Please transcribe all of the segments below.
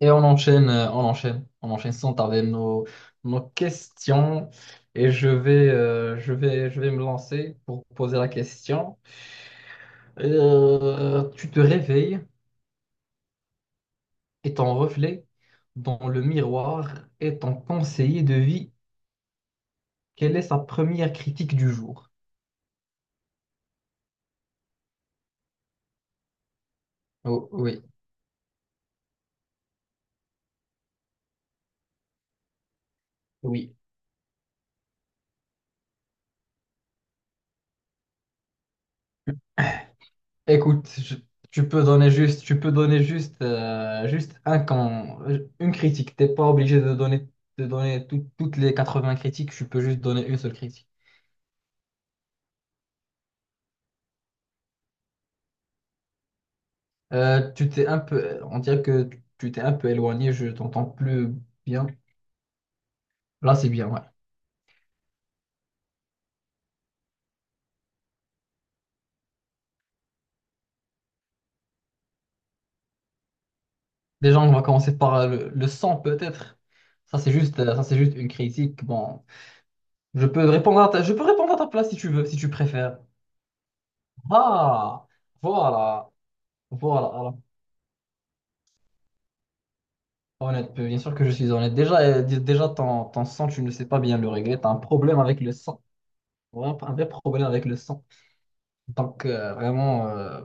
Et on enchaîne, on enchaîne, on enchaîne sans tarder nos questions. Et je vais, je vais me lancer pour poser la question. Tu te réveilles et ton reflet dans le miroir est ton conseiller de vie. Quelle est sa première critique du jour? Oh, oui, oui. Écoute, tu peux donner juste un camp, une critique. T'es pas obligé de donner toutes les 80 critiques. Tu peux juste donner une seule critique. Tu t'es un peu, on dirait que tu t'es un peu éloigné. Je t'entends plus bien. Là, c'est bien, ouais. Déjà, on va commencer par le son, peut-être. Ça, c'est juste une critique. Bon, je peux répondre à ta... Je peux répondre à ta place si tu veux, si tu préfères. Ah, voilà, voilà, voilà. Honnête, bien sûr que je suis honnête. Déjà, déjà ton, ton sang, tu ne sais pas bien le régler. Tu as un problème avec le sang. Vraiment, un vrai problème avec le sang. Donc,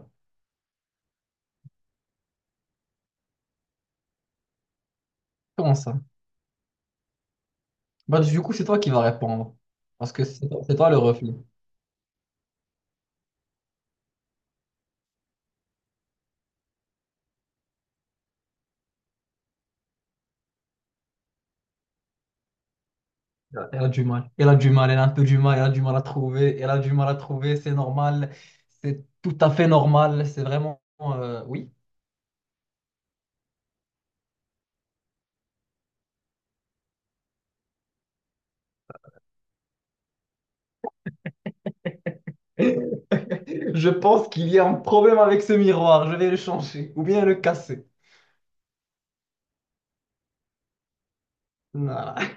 comment ça? Bah, du coup, c'est toi qui vas répondre. Parce que c'est toi le reflet. Elle a du mal. Elle a du mal, elle a un peu du mal, elle a du mal à trouver. Elle a du mal à trouver, c'est normal. C'est tout à fait normal. C'est vraiment... oui. Je pense qu'il y a un problème avec ce miroir. Je vais le changer ou bien le casser. Voilà.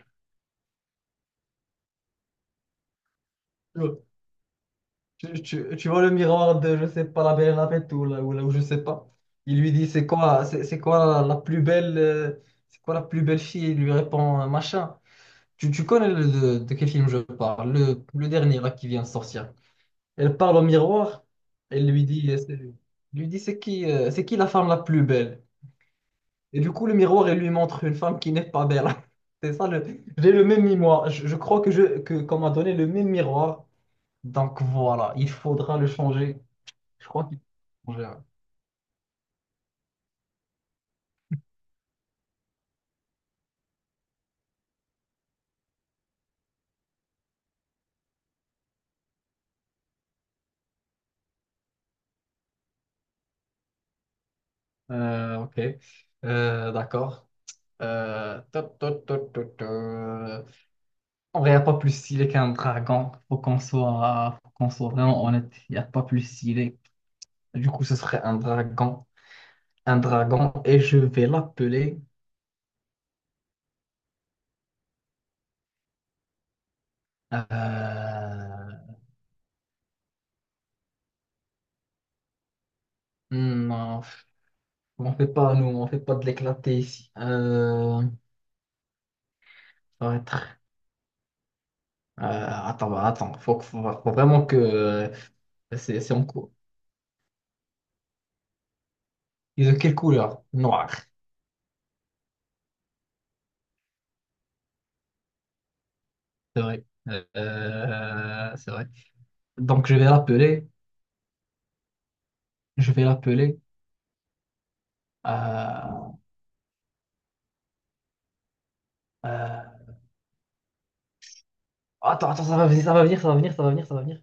Tu vois le miroir de, je sais pas, la Belle et la Bête ou, là, ou, là, ou je sais pas. Il lui dit, c'est quoi, c'est quoi la, la plus belle, c'est quoi la plus belle fille? Il lui répond, machin. Tu connais de quel film je parle, le dernier là, qui vient de sortir. Elle parle au miroir. Elle lui dit, lui dit, c'est qui la femme la plus belle? Et du coup, le miroir, il lui montre une femme qui n'est pas belle. C'est ça, le... j'ai le même miroir. Je crois que qu'on m'a donné le même miroir. Donc voilà, il faudra le changer. Je crois qu'il faut changer, ouais. Ok, d'accord. Ta, ta, ta, ta, ta. En vrai, il n'y a pas plus stylé qu'un dragon. Faut qu'on soit vraiment honnête. Il n'y a pas plus stylé. Du coup, ce serait un dragon. Un dragon. Et je vais l'appeler. euh, Non. On fait pas, nous, on fait pas de l'éclaté ici. Ça va être- attends, attends, faut vraiment que c'est en cours. Ils ont quelle couleur? Noir. C'est vrai. C'est vrai. Donc je vais je vais l'appeler. euh, euh, attends, attends, ça va venir, ça va venir, ça va venir, ça va venir, ça va venir.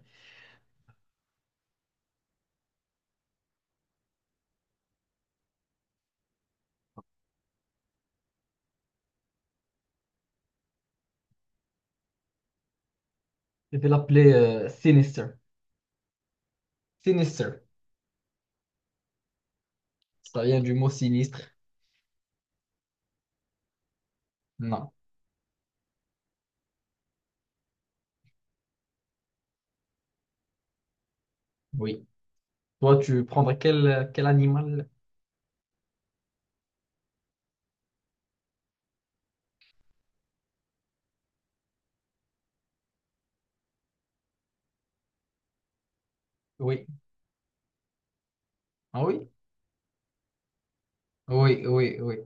Je vais l'appeler Sinister. Sinister. Ça vient du mot sinistre. Non. Oui. Toi, tu prendrais quel, quel animal? Oui. Ah oui? Oui, oui, oui.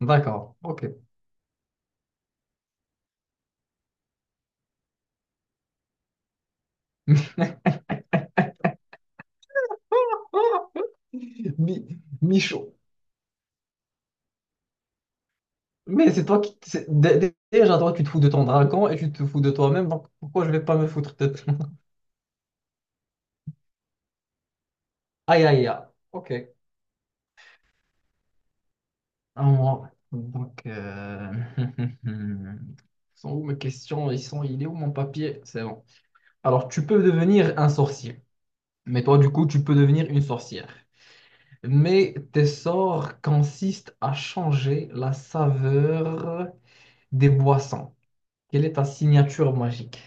D'accord, ok. Michaud. Mais c'est toi qui. Déjà, toi, tu te fous de ton dragon et tu te fous de toi-même, donc pourquoi je vais pas me foutre de toi? Aïe, aïe, aïe. Ok. Alors, donc, ils sont où mes questions? Ils sont... Il est où mon papier? C'est bon. Alors, tu peux devenir un sorcier. Mais toi, du coup, tu peux devenir une sorcière. Mais tes sorts consistent à changer la saveur des boissons. Quelle est ta signature magique?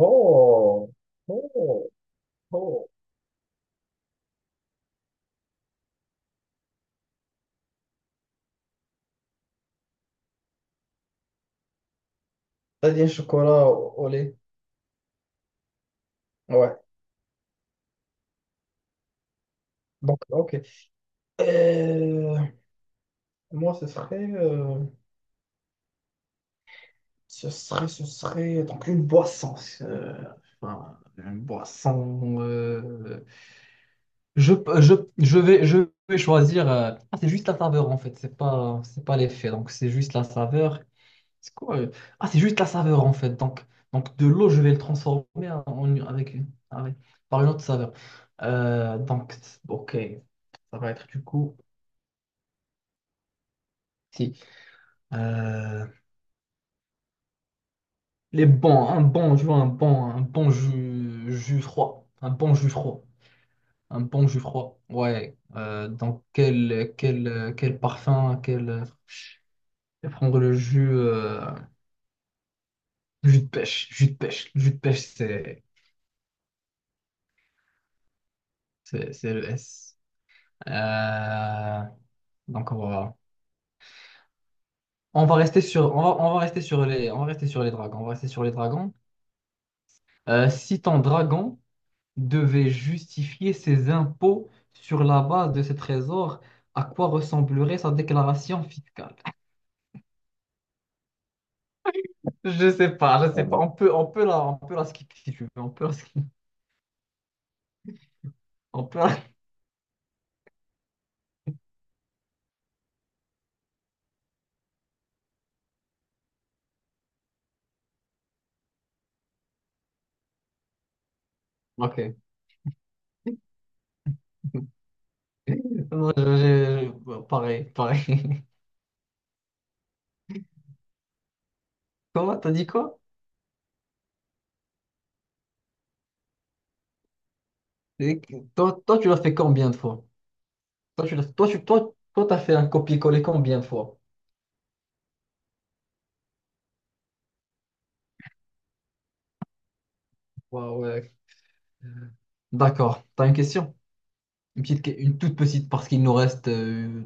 Oh, t'as dit un chocolat au lait. Ouais. Donc, ok. Euh, moi, ce serait, ce serait donc une boisson. Euh, enfin, une boisson. Je, je vais choisir. Ah, c'est juste la saveur en fait, c'est pas l'effet. Donc c'est juste la saveur. C'est quoi? Ah, c'est juste la saveur en fait. Donc de l'eau, je vais le transformer en, en- avec, avec- par une autre saveur. Euh, donc, ok, ça va être du coup. Si. Euh, les bons, un bon, je veux un un bon jus froid. Un bon jus froid. Un bon jus froid. Ouais. Quel parfum, quel. Je vais prendre le jus, jus de pêche. Jus de pêche. Jus de pêche, c'est le S. Euh, donc voilà. On va rester on va rester on va rester sur les dragons. On va rester sur les dragons. Si ton dragon devait justifier ses impôts sur la base de ses trésors, à quoi ressemblerait sa déclaration fiscale? Je sais pas, je sais pas. On peut la skipper si tu veux. On peut la skip. On peut la- ok. Non, pareil, pareil. Comment t'as dit quoi? Toi, toi, tu l'as fait combien de fois? Toi, tu l'as, toi, tu, toi, toi, t'as fait un copier-coller combien de fois? Waouh, d'accord. T'as une question? Une petite, une toute petite, parce qu'il nous reste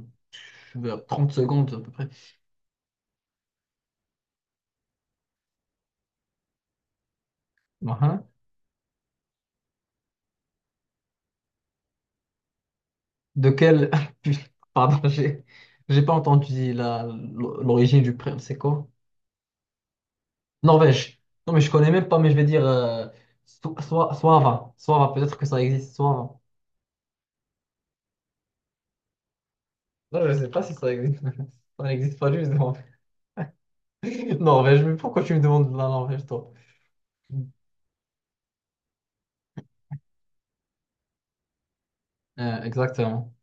vers 30 secondes à peu près. Uhum. De quel... putain, pardon, j'ai pas entendu la l'origine du prénom. C'est quoi? Norvège. Non, mais je connais même pas, mais je vais dire Soava. Soava, peut-être que ça existe, Soava. Non, je sais pas si ça existe. Ça n'existe pas, justement. Norvège, mais pourquoi tu me demandes de la Norvège, toi? Exactement.